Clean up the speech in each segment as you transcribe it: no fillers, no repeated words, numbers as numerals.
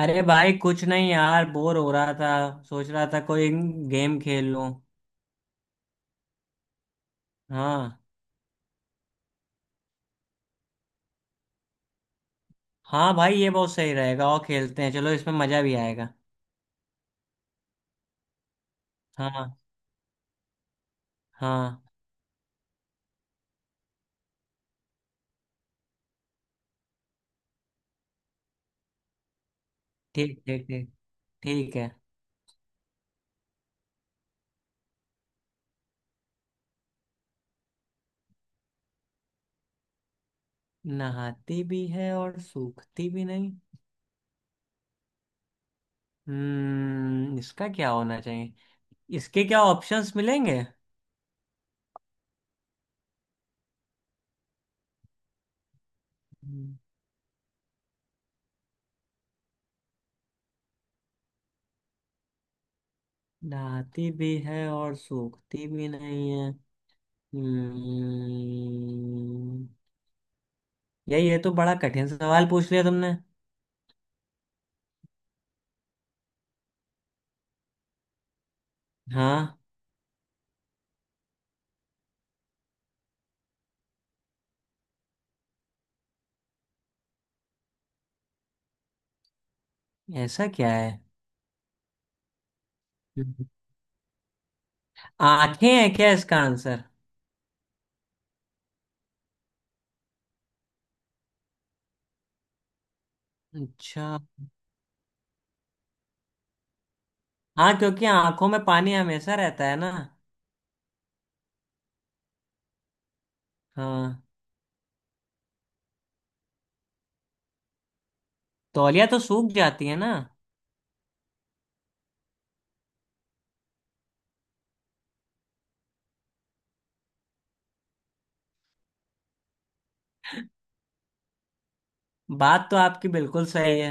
अरे भाई कुछ नहीं यार बोर हो रहा था। सोच रहा था कोई गेम खेल लूं। हाँ। हाँ भाई ये बहुत सही रहेगा और खेलते हैं, चलो इसमें मजा भी आएगा। हाँ। हाँ, ठीक ठीक ठीक। ठीक है। नहाती भी है और सूखती भी नहीं। इसका क्या होना चाहिए? इसके क्या ऑप्शंस मिलेंगे? हम्म, नहाती भी है और सूखती भी नहीं है। हम्म यार ये तो बड़ा कठिन सवाल पूछ लिया तुमने। हाँ, ऐसा क्या है? हम्म। आंखें हैं क्या इसका आंसर? अच्छा। हाँ, क्योंकि आंखों में पानी हमेशा रहता है ना। हाँ। तौलिया तो सूख जाती है ना। बात तो आपकी बिल्कुल सही है।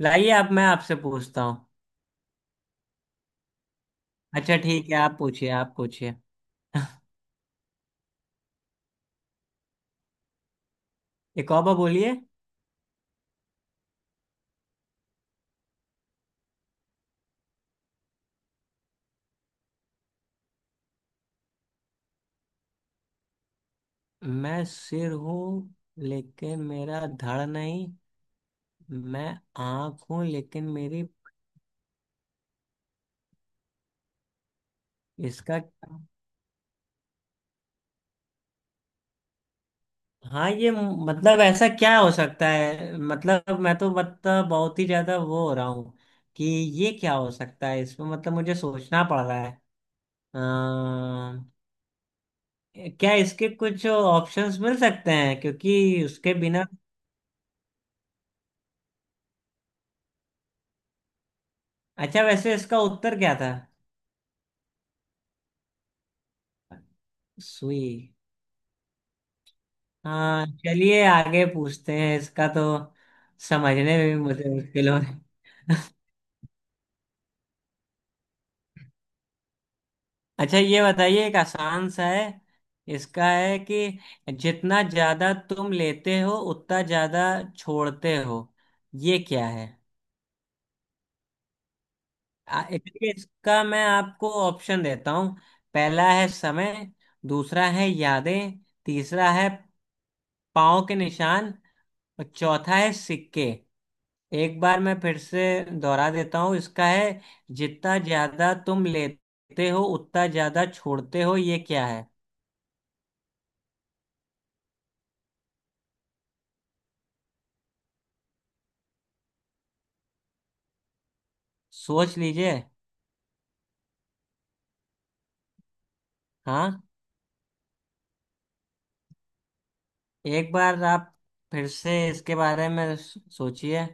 लाइए अब मैं आपसे पूछता हूँ। अच्छा ठीक है, आप पूछिए आप पूछिए। एक और बार बोलिए। मैं सिर हूँ लेकिन मेरा धड़ नहीं। मैं आँख हूँ लेकिन मेरी, इसका क्या? हाँ, ये मतलब ऐसा क्या हो सकता है, मतलब मैं तो मतलब बहुत ही ज्यादा वो हो रहा हूँ कि ये क्या हो सकता है, इसमें मतलब मुझे सोचना पड़ रहा है। अ, क्या इसके कुछ ऑप्शंस मिल सकते हैं, क्योंकि उसके बिना? अच्छा वैसे इसका उत्तर क्या था? सुई। हाँ, चलिए आगे पूछते हैं, इसका तो समझने में भी मुझे मुश्किल हो रहा है। अच्छा ये बताइए, एक आसान सा है। इसका है कि जितना ज्यादा तुम लेते हो उतना ज्यादा छोड़ते हो, ये क्या है? इसलिए इसका मैं आपको ऑप्शन देता हूँ। पहला है समय। दूसरा है यादें। तीसरा है पाँव के निशान। और चौथा है सिक्के। एक बार मैं फिर से दोहरा देता हूँ, इसका है जितना ज्यादा तुम लेते हो उतना ज्यादा छोड़ते हो, ये क्या है? सोच लीजिए। हाँ, एक बार आप फिर से इसके बारे में सोचिए।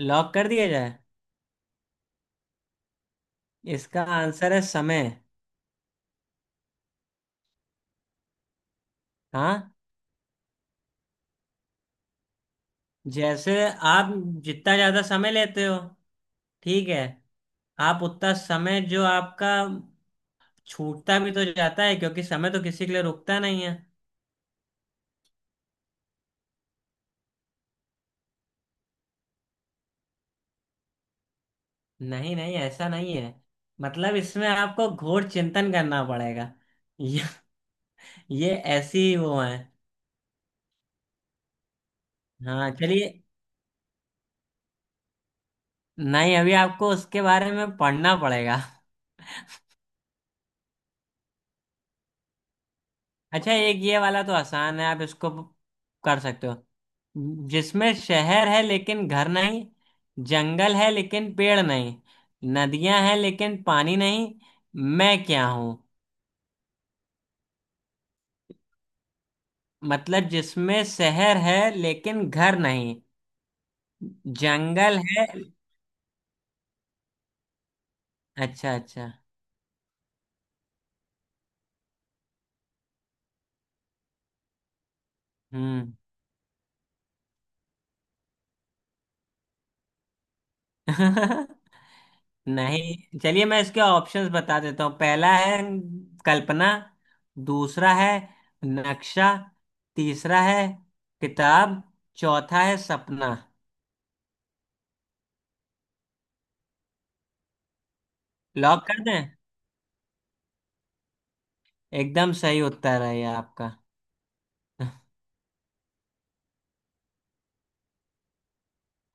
लॉक कर दिया जाए? इसका आंसर है समय। हाँ। जैसे आप जितना ज्यादा समय लेते हो, ठीक है, आप उतना समय जो आपका छूटता भी तो जाता है, क्योंकि समय तो किसी के लिए रुकता नहीं है। नहीं नहीं, ऐसा नहीं है। मतलब इसमें आपको घोर चिंतन करना पड़ेगा। ये ये ऐसी वो है। हाँ चलिए। नहीं, अभी आपको उसके बारे में पढ़ना पड़ेगा। अच्छा एक ये वाला तो आसान है, आप इसको कर सकते हो। जिसमें शहर है लेकिन घर नहीं, जंगल है लेकिन पेड़ नहीं, नदियां हैं लेकिन पानी नहीं, मैं क्या हूं? मतलब जिसमें शहर है लेकिन घर नहीं, जंगल है। अच्छा अच्छा। हम्म। नहीं चलिए मैं इसके ऑप्शंस बता देता हूँ। पहला है कल्पना। दूसरा है नक्शा। तीसरा है किताब। चौथा है सपना। लॉक कर दें? एकदम सही उत्तर है ये आपका।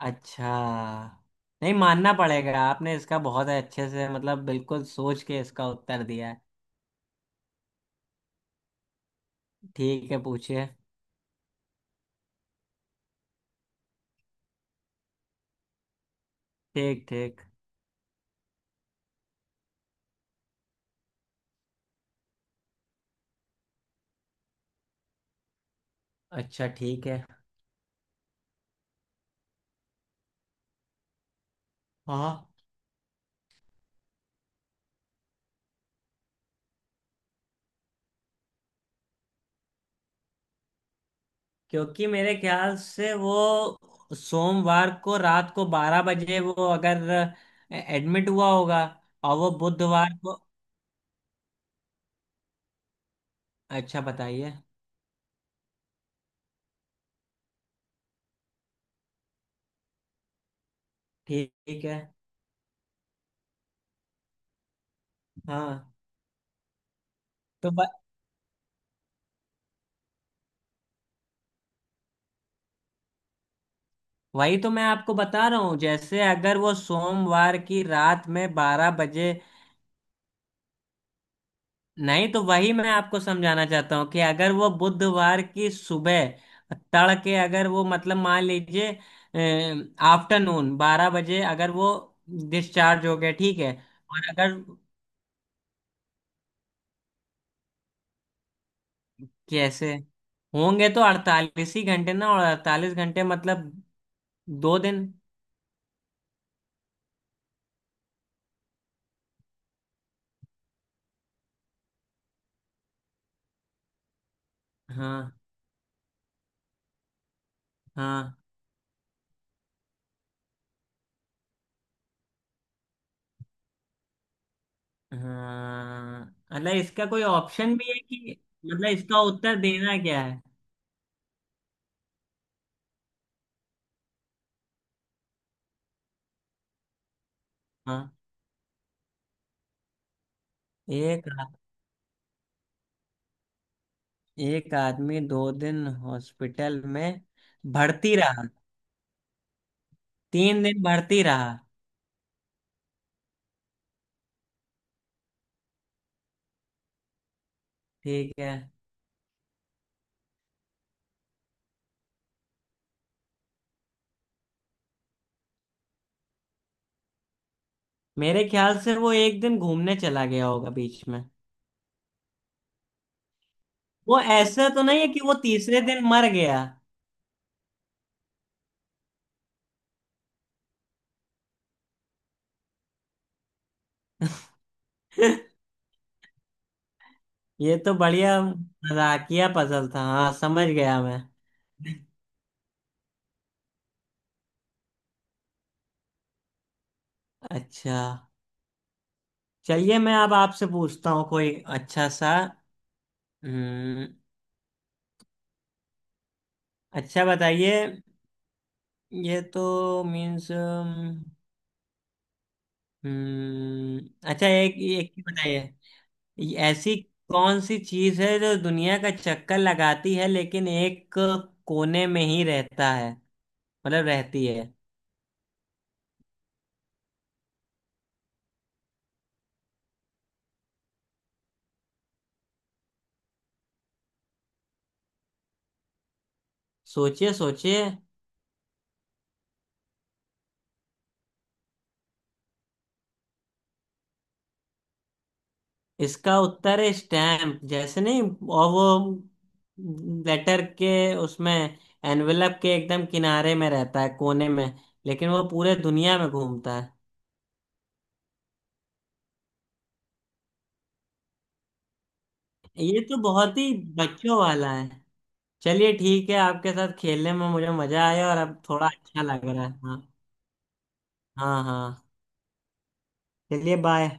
अच्छा। नहीं, मानना पड़ेगा आपने इसका बहुत अच्छे से मतलब बिल्कुल सोच के इसका उत्तर दिया है। ठीक है पूछिए। ठीक ठीक। अच्छा ठीक है। हाँ, क्योंकि मेरे ख्याल से वो सोमवार को रात को 12 बजे, वो अगर एडमिट हुआ होगा और वो बुधवार को। अच्छा बताइए। ठीक ठीक है। हाँ। तो ब... वही तो मैं आपको बता रहा हूँ, जैसे अगर वो सोमवार की रात में 12 बजे। नहीं, तो वही मैं आपको समझाना चाहता हूँ कि अगर वो बुधवार की सुबह तड़के, अगर वो मतलब मान लीजिए आफ्टरनून 12 बजे अगर वो डिस्चार्ज हो गए, ठीक है, और अगर कैसे होंगे तो 48 ही घंटे ना, और 48 घंटे मतलब 2 दिन। हाँ हाँ हाँ। मतलब इसका कोई ऑप्शन भी है कि, मतलब इसका उत्तर देना क्या है? हाँ। एक एक आदमी 2 दिन हॉस्पिटल में भर्ती रहा, 3 दिन भर्ती रहा, ठीक है। मेरे ख्याल से वो एक दिन घूमने चला गया होगा बीच में। वो ऐसा तो नहीं है कि वो तीसरे दिन मर गया? ये तो बढ़िया मजाकिया पजल था, हाँ समझ गया मैं। अच्छा चलिए मैं अब आपसे पूछता हूँ कोई अच्छा सा। हम्म अच्छा बताइए। ये तो मीन्स। अच्छा एक एक ही बताइए। ये ऐसी कौन सी चीज है जो दुनिया का चक्कर लगाती है लेकिन एक कोने में ही रहता है, मतलब रहती है? सोचिए सोचिए। इसका उत्तर है स्टैम्प, जैसे नहीं, और वो लेटर के, उसमें एनवेलप के एकदम किनारे में रहता है कोने में, लेकिन वो पूरे दुनिया में घूमता है। ये तो बहुत ही बच्चों वाला है। चलिए ठीक है, आपके साथ खेलने में मुझे मजा आया और अब थोड़ा अच्छा लग रहा है, हाँ। हाँ हाँ। चलिए बाय।